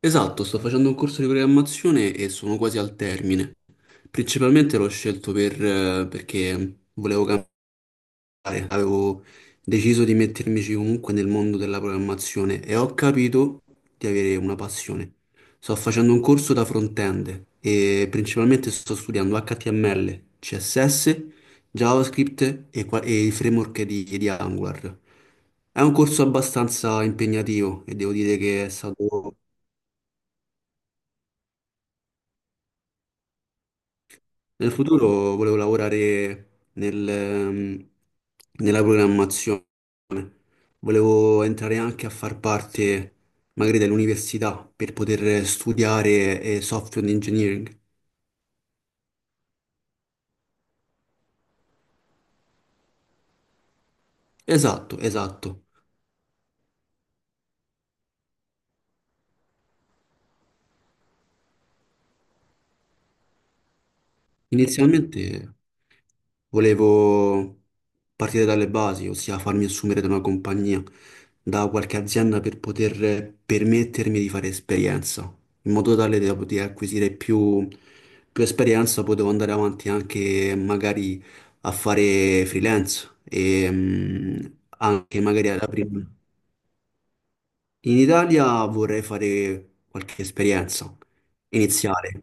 Esatto, sto facendo un corso di programmazione e sono quasi al termine. Principalmente l'ho scelto perché volevo cambiare, avevo deciso di mettermici comunque nel mondo della programmazione e ho capito di avere una passione. Sto facendo un corso da front-end e principalmente sto studiando HTML, CSS, JavaScript e il framework di Angular. È un corso abbastanza impegnativo e devo dire che è stato... Nel futuro volevo lavorare nella programmazione, volevo entrare anche a far parte magari dell'università per poter studiare software engineering. Esatto, esatto. Inizialmente volevo partire dalle basi, ossia farmi assumere da una compagnia, da qualche azienda per poter permettermi di fare esperienza, in modo tale da poter acquisire più esperienza, potevo andare avanti anche magari a fare freelance e anche magari ad aprire. In Italia vorrei fare qualche esperienza iniziale.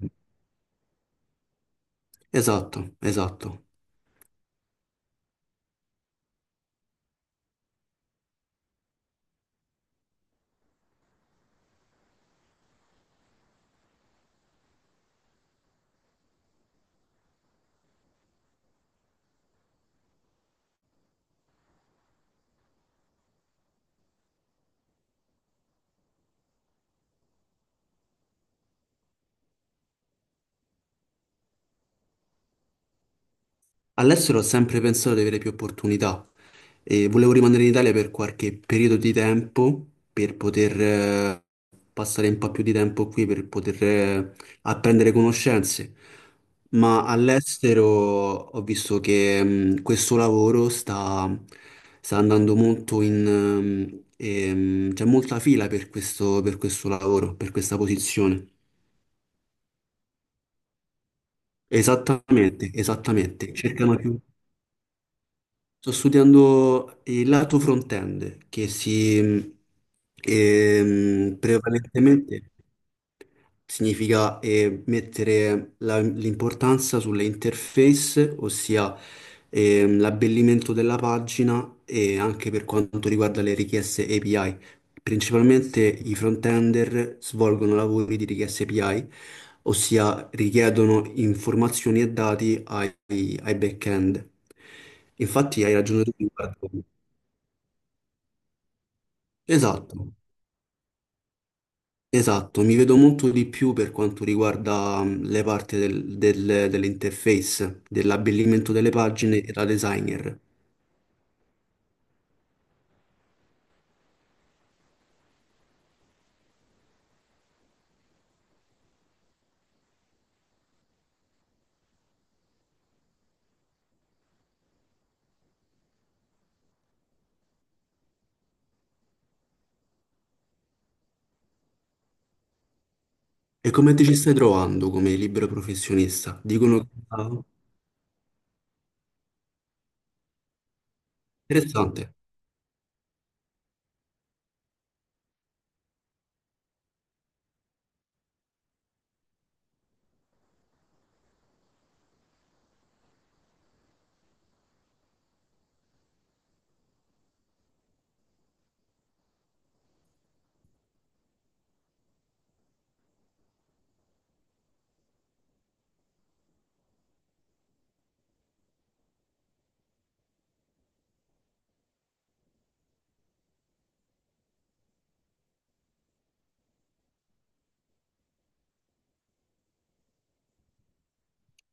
Esatto, esatto. All'estero ho sempre pensato di avere più opportunità e volevo rimanere in Italia per qualche periodo di tempo per poter passare un po' più di tempo qui, per poter apprendere conoscenze. Ma all'estero ho visto che questo lavoro sta, sta andando molto in... c'è molta fila per questo lavoro, per questa posizione. Esattamente, esattamente. Cercano più. Sto studiando il lato front-end, che prevalentemente significa mettere l'importanza sulle interface, ossia l'abbellimento della pagina e anche per quanto riguarda le richieste API. Principalmente i front-ender svolgono lavori di richieste API, ossia richiedono informazioni e dati ai back-end. Infatti hai ragione tu riguardo. Esatto. Esatto, mi vedo molto di più per quanto riguarda le parti dell'interface, dell'abbellimento delle pagine e da designer. E come ti ci stai trovando come libero professionista? Dicono che ah, interessante.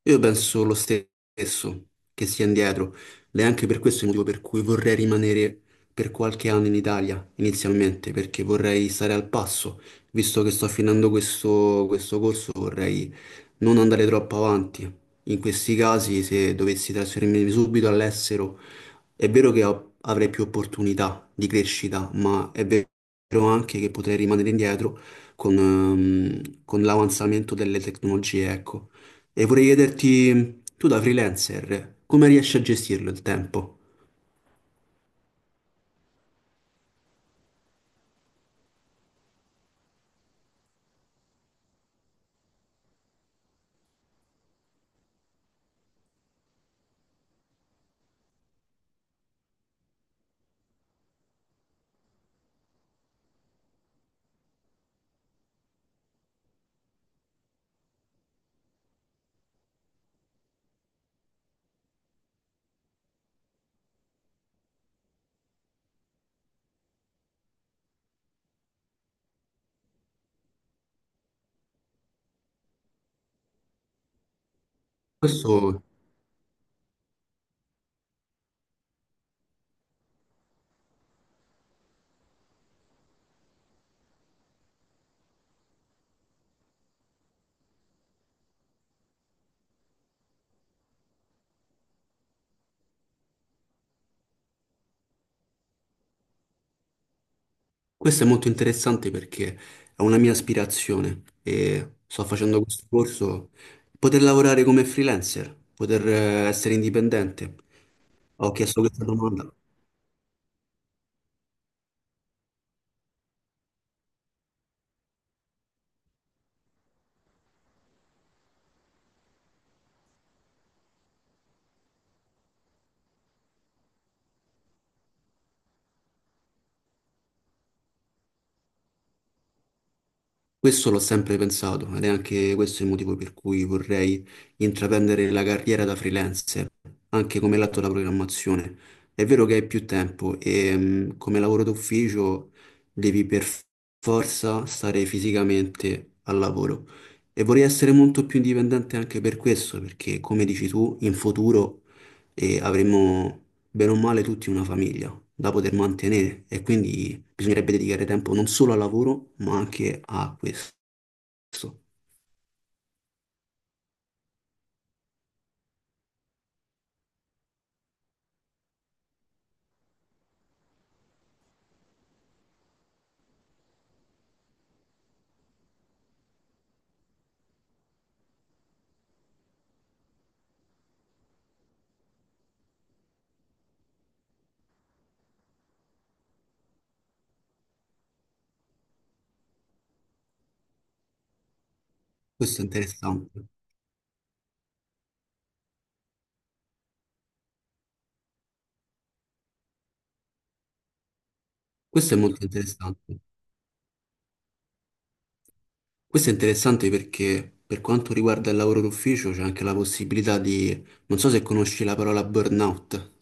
Io penso lo stesso, che sia indietro. Ed è anche per questo il motivo per cui vorrei rimanere per qualche anno in Italia inizialmente, perché vorrei stare al passo, visto che sto finendo questo corso, vorrei non andare troppo avanti. In questi casi, se dovessi trasferirmi subito all'estero, è vero che avrei più opportunità di crescita, ma è vero anche che potrei rimanere indietro con l'avanzamento delle tecnologie, ecco. E vorrei chiederti, tu da freelancer, come riesci a gestirlo il tempo? Questo Questo è molto interessante perché è una mia aspirazione e sto facendo questo corso, poter lavorare come freelancer, poter essere indipendente. Ho chiesto questa domanda. Questo l'ho sempre pensato ed è anche questo il motivo per cui vorrei intraprendere la carriera da freelancer, anche come lato della programmazione. È vero che hai più tempo e come lavoro d'ufficio devi per forza stare fisicamente al lavoro e vorrei essere molto più indipendente anche per questo, perché come dici tu, in futuro avremo bene o male tutti una famiglia da poter mantenere e quindi bisognerebbe dedicare tempo non solo al lavoro, ma anche a questo. Questo è interessante. Questo è molto interessante. Questo è interessante perché per quanto riguarda il lavoro d'ufficio c'è anche la possibilità di, non so se conosci la parola burnout.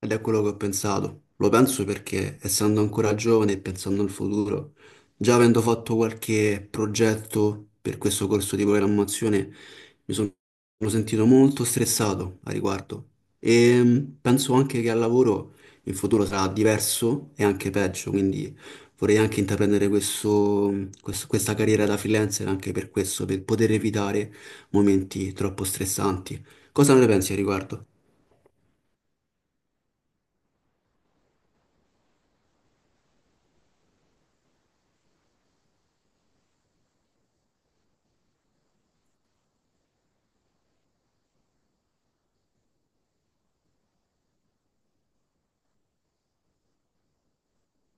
Ed è quello che ho pensato. Lo penso perché, essendo ancora giovane e pensando al futuro, già avendo fatto qualche progetto per questo corso di programmazione, mi sono sentito molto stressato a riguardo. E penso anche che al lavoro in futuro sarà diverso e anche peggio, quindi vorrei anche intraprendere questa carriera da freelancer anche per questo, per poter evitare momenti troppo stressanti. Cosa ne pensi a riguardo?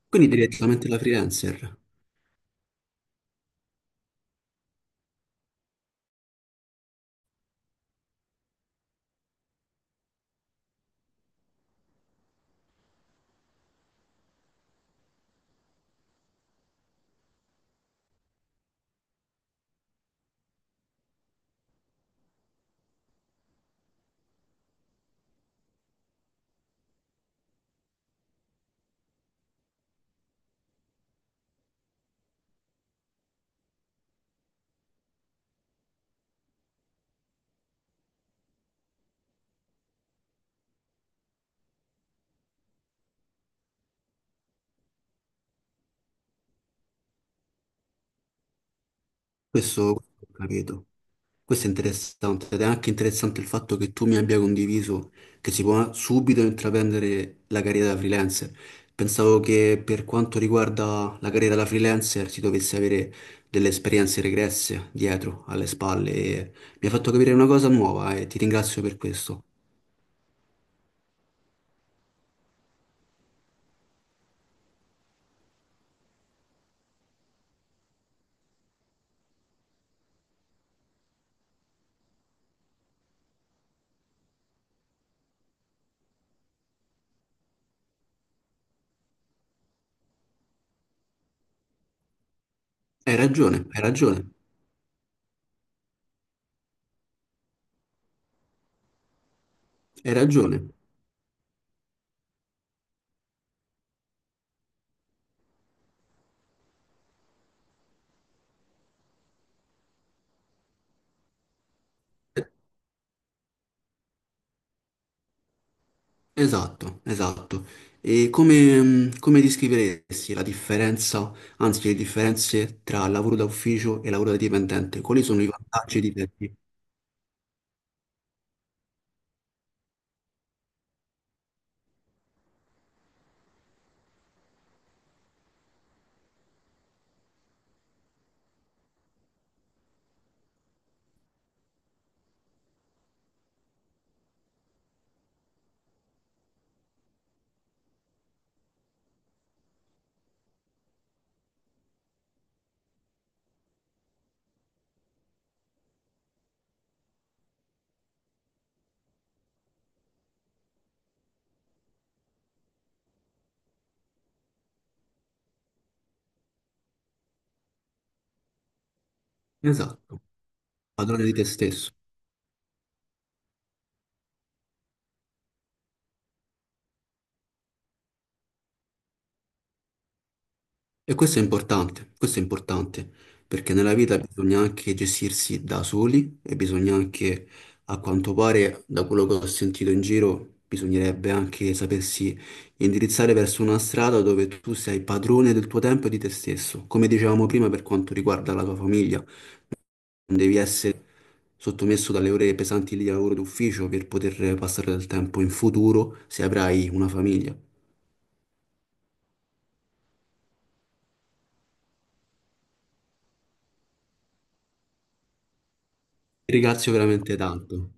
Quindi direttamente la freelancer. Questo ho capito. Questo è interessante ed è anche interessante il fatto che tu mi abbia condiviso che si può subito intraprendere la carriera da freelancer. Pensavo che per quanto riguarda la carriera da freelancer si dovesse avere delle esperienze regresse dietro, alle spalle. E mi ha fatto capire una cosa nuova e ti ringrazio per questo. Hai ragione, hai ragione, hai ragione. Esatto, esatto. E come descriveresti la differenza, anzi le differenze tra lavoro da ufficio e lavoro da dipendente? Quali sono i vantaggi di te? Esatto, padrone di te stesso. E questo è importante, perché nella vita bisogna anche gestirsi da soli e bisogna anche, a quanto pare, da quello che ho sentito in giro, bisognerebbe anche sapersi indirizzare verso una strada dove tu sei padrone del tuo tempo e di te stesso. Come dicevamo prima, per quanto riguarda la tua famiglia, non devi essere sottomesso dalle ore pesanti di lavoro d'ufficio per poter passare del tempo in futuro se avrai una famiglia. Ti ringrazio veramente tanto.